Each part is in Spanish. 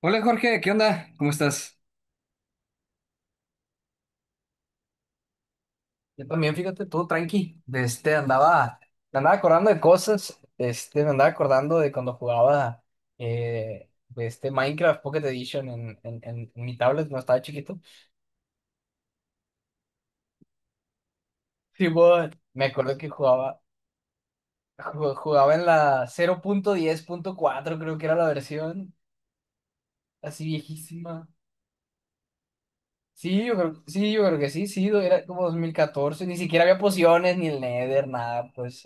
Hola Jorge, ¿qué onda? ¿Cómo estás? Yo también, fíjate, todo tranqui, andaba, me andaba acordando de cosas, me andaba acordando de cuando jugaba de este Minecraft Pocket Edition en mi tablet cuando estaba chiquito. Sí, bueno. Me acuerdo que jugaba en la cero punto diez punto cuatro, creo que era la versión, así viejísima. Sí, yo creo que sí, sí, era como 2014, ni siquiera había pociones, ni el Nether, nada, pues.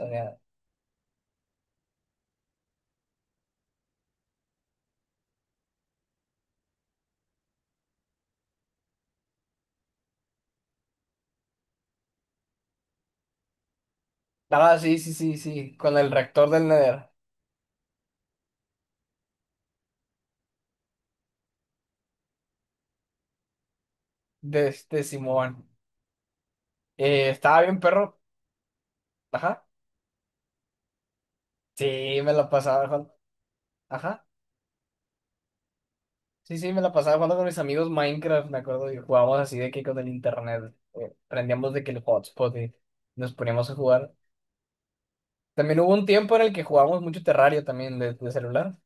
Ah, sí, sí, sí, sí, con el reactor del Nether, de este Simón. Estaba bien, perro. Ajá. Sí, me la pasaba jugando. Ajá. Sí, sí, me la pasaba jugando con mis amigos Minecraft, me acuerdo, y jugábamos así de que con el internet. Prendíamos de que el hotspot y nos poníamos a jugar. También hubo un tiempo en el que jugábamos mucho Terrario también de celular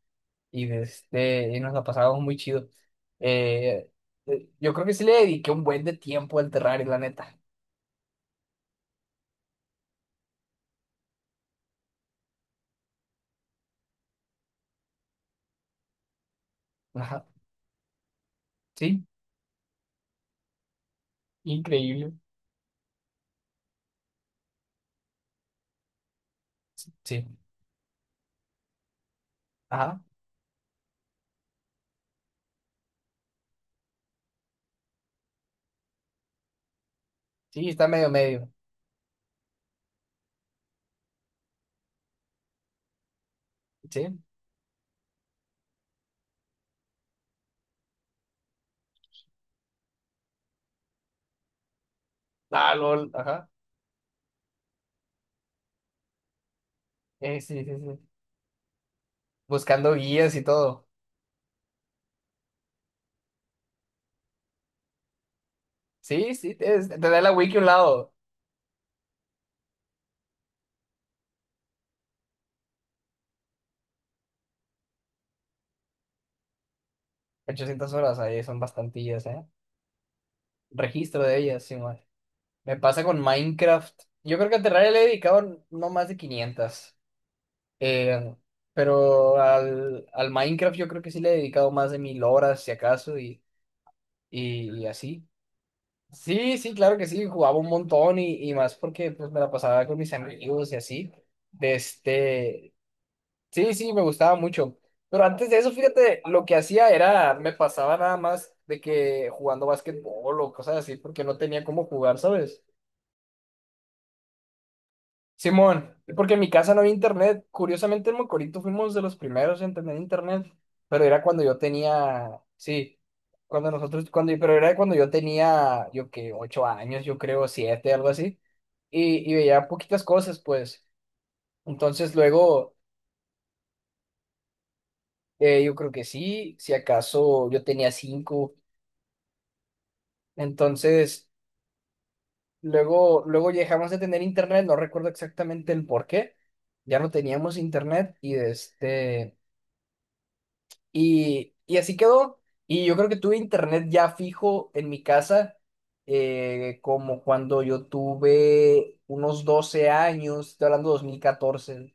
y nos la pasábamos muy chido. Eh, yo creo que sí le dediqué un buen de tiempo al Terrario, la neta. Ajá. Sí, increíble. Sí. Ajá, sí, está medio medio, sí. Ah, lol, ajá. Sí, sí, sí. Buscando guías y todo. Sí, sí, te da la wiki a un lado. 800 horas ahí son bastantillas, ¿eh? Registro de ellas, sí, man. Me pasa con Minecraft. Yo creo que a Terraria le he dedicado no más de 500. Eh, pero al Minecraft yo creo que sí le he dedicado más de 1000 horas, si acaso, y así. Sí, sí, claro que sí, jugaba un montón y más porque pues me la pasaba con mis amigos y así. De este, sí, sí, me gustaba mucho. Pero antes de eso, fíjate, lo que hacía era, me pasaba nada más de que jugando básquetbol o cosas así, porque no tenía cómo jugar, ¿sabes? Simón, porque en mi casa no había internet. Curiosamente en Mocorito fuimos de los primeros en tener internet, pero era cuando yo tenía, sí, cuando nosotros, cuando, pero era cuando yo tenía, yo que 8 años, yo creo, 7, algo así, y veía poquitas cosas, pues. Entonces luego, yo creo que sí, si acaso yo tenía 5, entonces luego dejamos de tener internet, no recuerdo exactamente el por qué, ya no teníamos internet Y así quedó. Y yo creo que tuve internet ya fijo en mi casa, como cuando yo tuve unos 12 años, estoy hablando de 2014.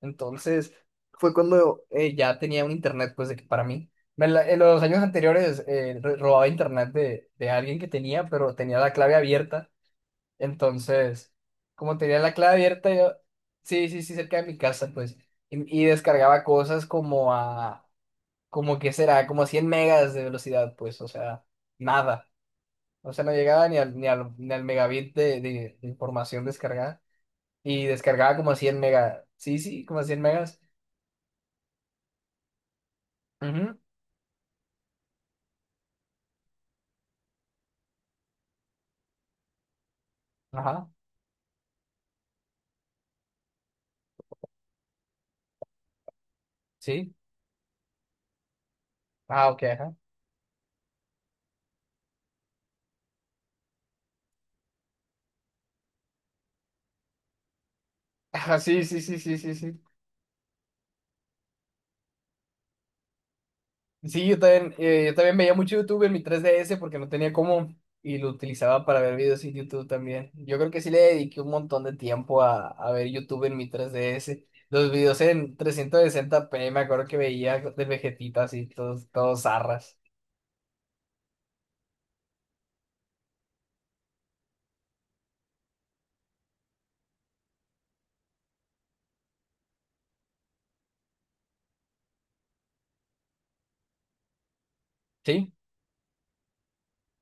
Entonces, fue cuando ya tenía un internet, pues, de que para mí. En los años anteriores robaba internet de alguien que tenía, pero tenía la clave abierta. Entonces, como tenía la clave abierta, yo, sí, sí, sí, cerca de mi casa, pues, y descargaba cosas como a como que será, como 100 megas de velocidad, pues, o sea, nada. O sea, no llegaba ni al megabit de información descargada. Y descargaba como 100 megas. Sí, sí, como 100 megas. Ujú. Ajá, sí. Ah, ok, ajá. Ajá, sí, sí, sí, sí, sí, sí. Sí, yo también veía mucho YouTube en mi 3DS porque no tenía cómo y lo utilizaba para ver videos en YouTube también. Yo creo que sí le dediqué un montón de tiempo a, ver YouTube en mi tres D S. Los videos en 360p me acuerdo que veía de Vegetita así, todos, todos zarras. ¿Sí?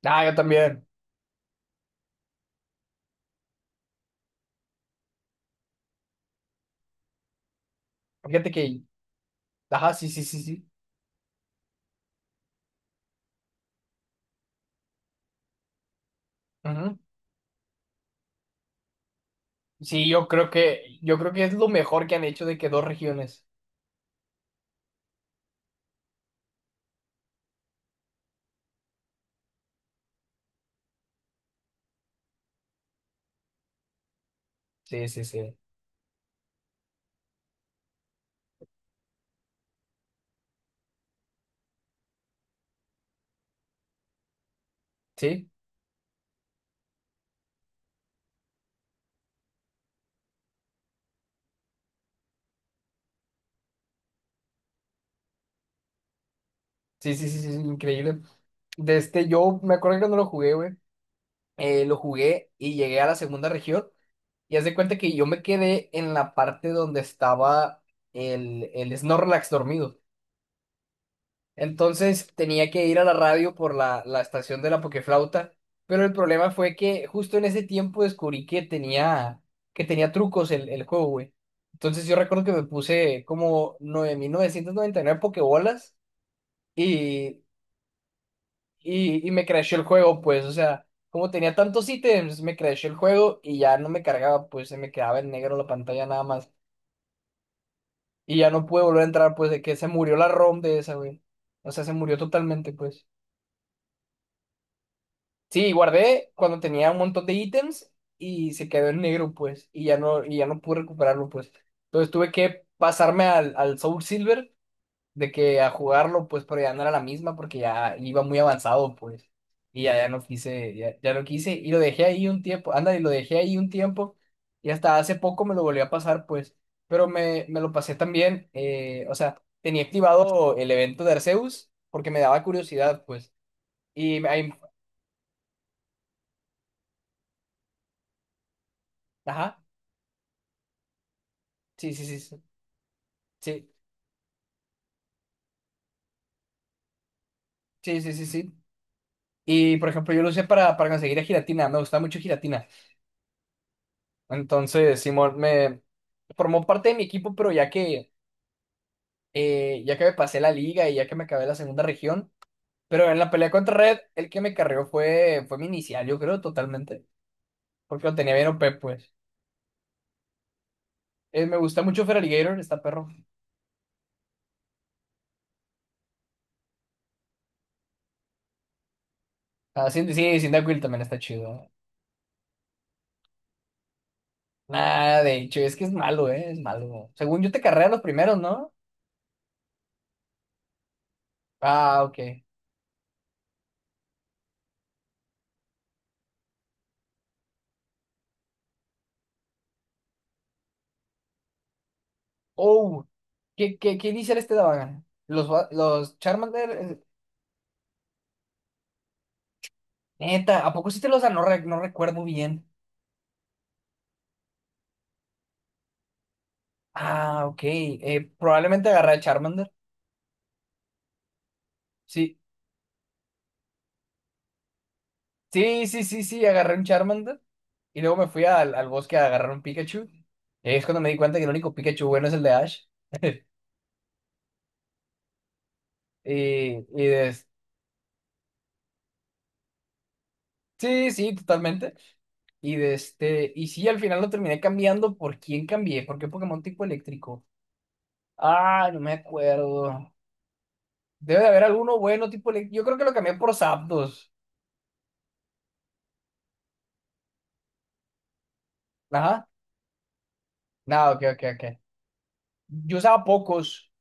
Ah, yo también. Fíjate que, ajá, sí, sí, sí, sí. Ujú. Sí, yo creo que es lo mejor que han hecho de que dos regiones. Sí, sí, sí. Sí, sí, sí, sí, sí, increíble. Yo me acuerdo que cuando lo jugué, güey. Lo jugué y llegué a la segunda región. Y haz de cuenta que yo me quedé en la parte donde estaba el Snorlax dormido. Entonces tenía que ir a la radio por la estación de la Pokeflauta. Pero el problema fue que justo en ese tiempo descubrí que tenía trucos el juego, güey. Entonces yo recuerdo que me puse como 9999 Pokébolas y y me crashó el juego, pues, o sea, como tenía tantos ítems, me crashó el juego y ya no me cargaba, pues se me quedaba en negro la pantalla nada más. Y ya no pude volver a entrar, pues, de que se murió la ROM de esa, güey. O sea, se murió totalmente, pues. Sí, guardé cuando tenía un montón de ítems y se quedó en negro, pues, y ya no pude recuperarlo, pues. Entonces tuve que pasarme al Soul Silver de que a jugarlo, pues, pero ya no era la misma porque ya iba muy avanzado, pues. Y ya no quise, ya no quise, y lo dejé ahí un tiempo, anda, y lo dejé ahí un tiempo, y hasta hace poco me lo volví a pasar, pues. Pero me lo pasé también, o sea, tenía activado el evento de Arceus porque me daba curiosidad, pues. Ahí, ajá, sí, sí, sí, sí, sí, sí, sí, sí. Sí. Y por ejemplo, yo lo usé para conseguir a Giratina, me gusta mucho Giratina. Entonces, Simón me formó parte de mi equipo, pero ya que me pasé la liga y ya que me acabé la segunda región. Pero en la pelea contra Red, el que me carrió fue mi inicial, yo creo, totalmente. Porque lo tenía bien OP, pues. Me gusta mucho Feraligatr, está perro. Ah, sí, sí, Cyndaquil también está chido. Nada, de hecho, es que es malo, ¿eh? Es malo. Según yo te carrea los primeros, ¿no? Ah, ok. Oh, ¿qué inicial daban? Los Charmander, neta, ¿a poco sí te los dan? No, no recuerdo bien. Ah, ok. Probablemente agarré a Charmander. Sí, sí, sí, sí, sí, agarré un Charmander y luego me fui al bosque a agarrar un Pikachu. Y ahí es cuando me di cuenta que el único Pikachu bueno es el de Ash. Y, y de- sí, sí, totalmente. Y sí, al final lo terminé cambiando. ¿Por quién cambié? ¿Por qué Pokémon tipo eléctrico? Ah, no me acuerdo. Debe de haber alguno bueno tipo eléctrico. Yo creo que lo cambié por Zapdos. Ajá. No, ok, ok, ok. Yo usaba pocos.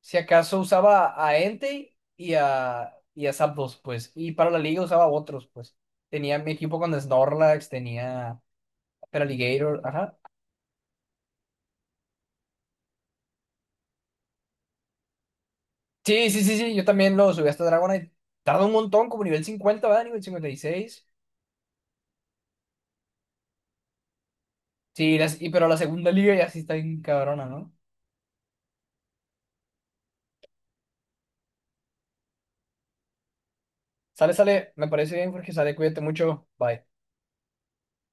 Si acaso usaba a Entei y a Zapdos, pues. Y para la liga usaba otros, pues. Tenía mi equipo con Snorlax, tenía Peraligator, ajá. Sí, sí, sí, sí, yo también lo subí hasta Dragonite. Tarda un montón, como nivel 50, ¿verdad? Nivel 56. Sí, pero la segunda liga ya sí está bien cabrona, ¿no? Sale, sale, me parece bien, Jorge, sale, cuídate mucho, bye.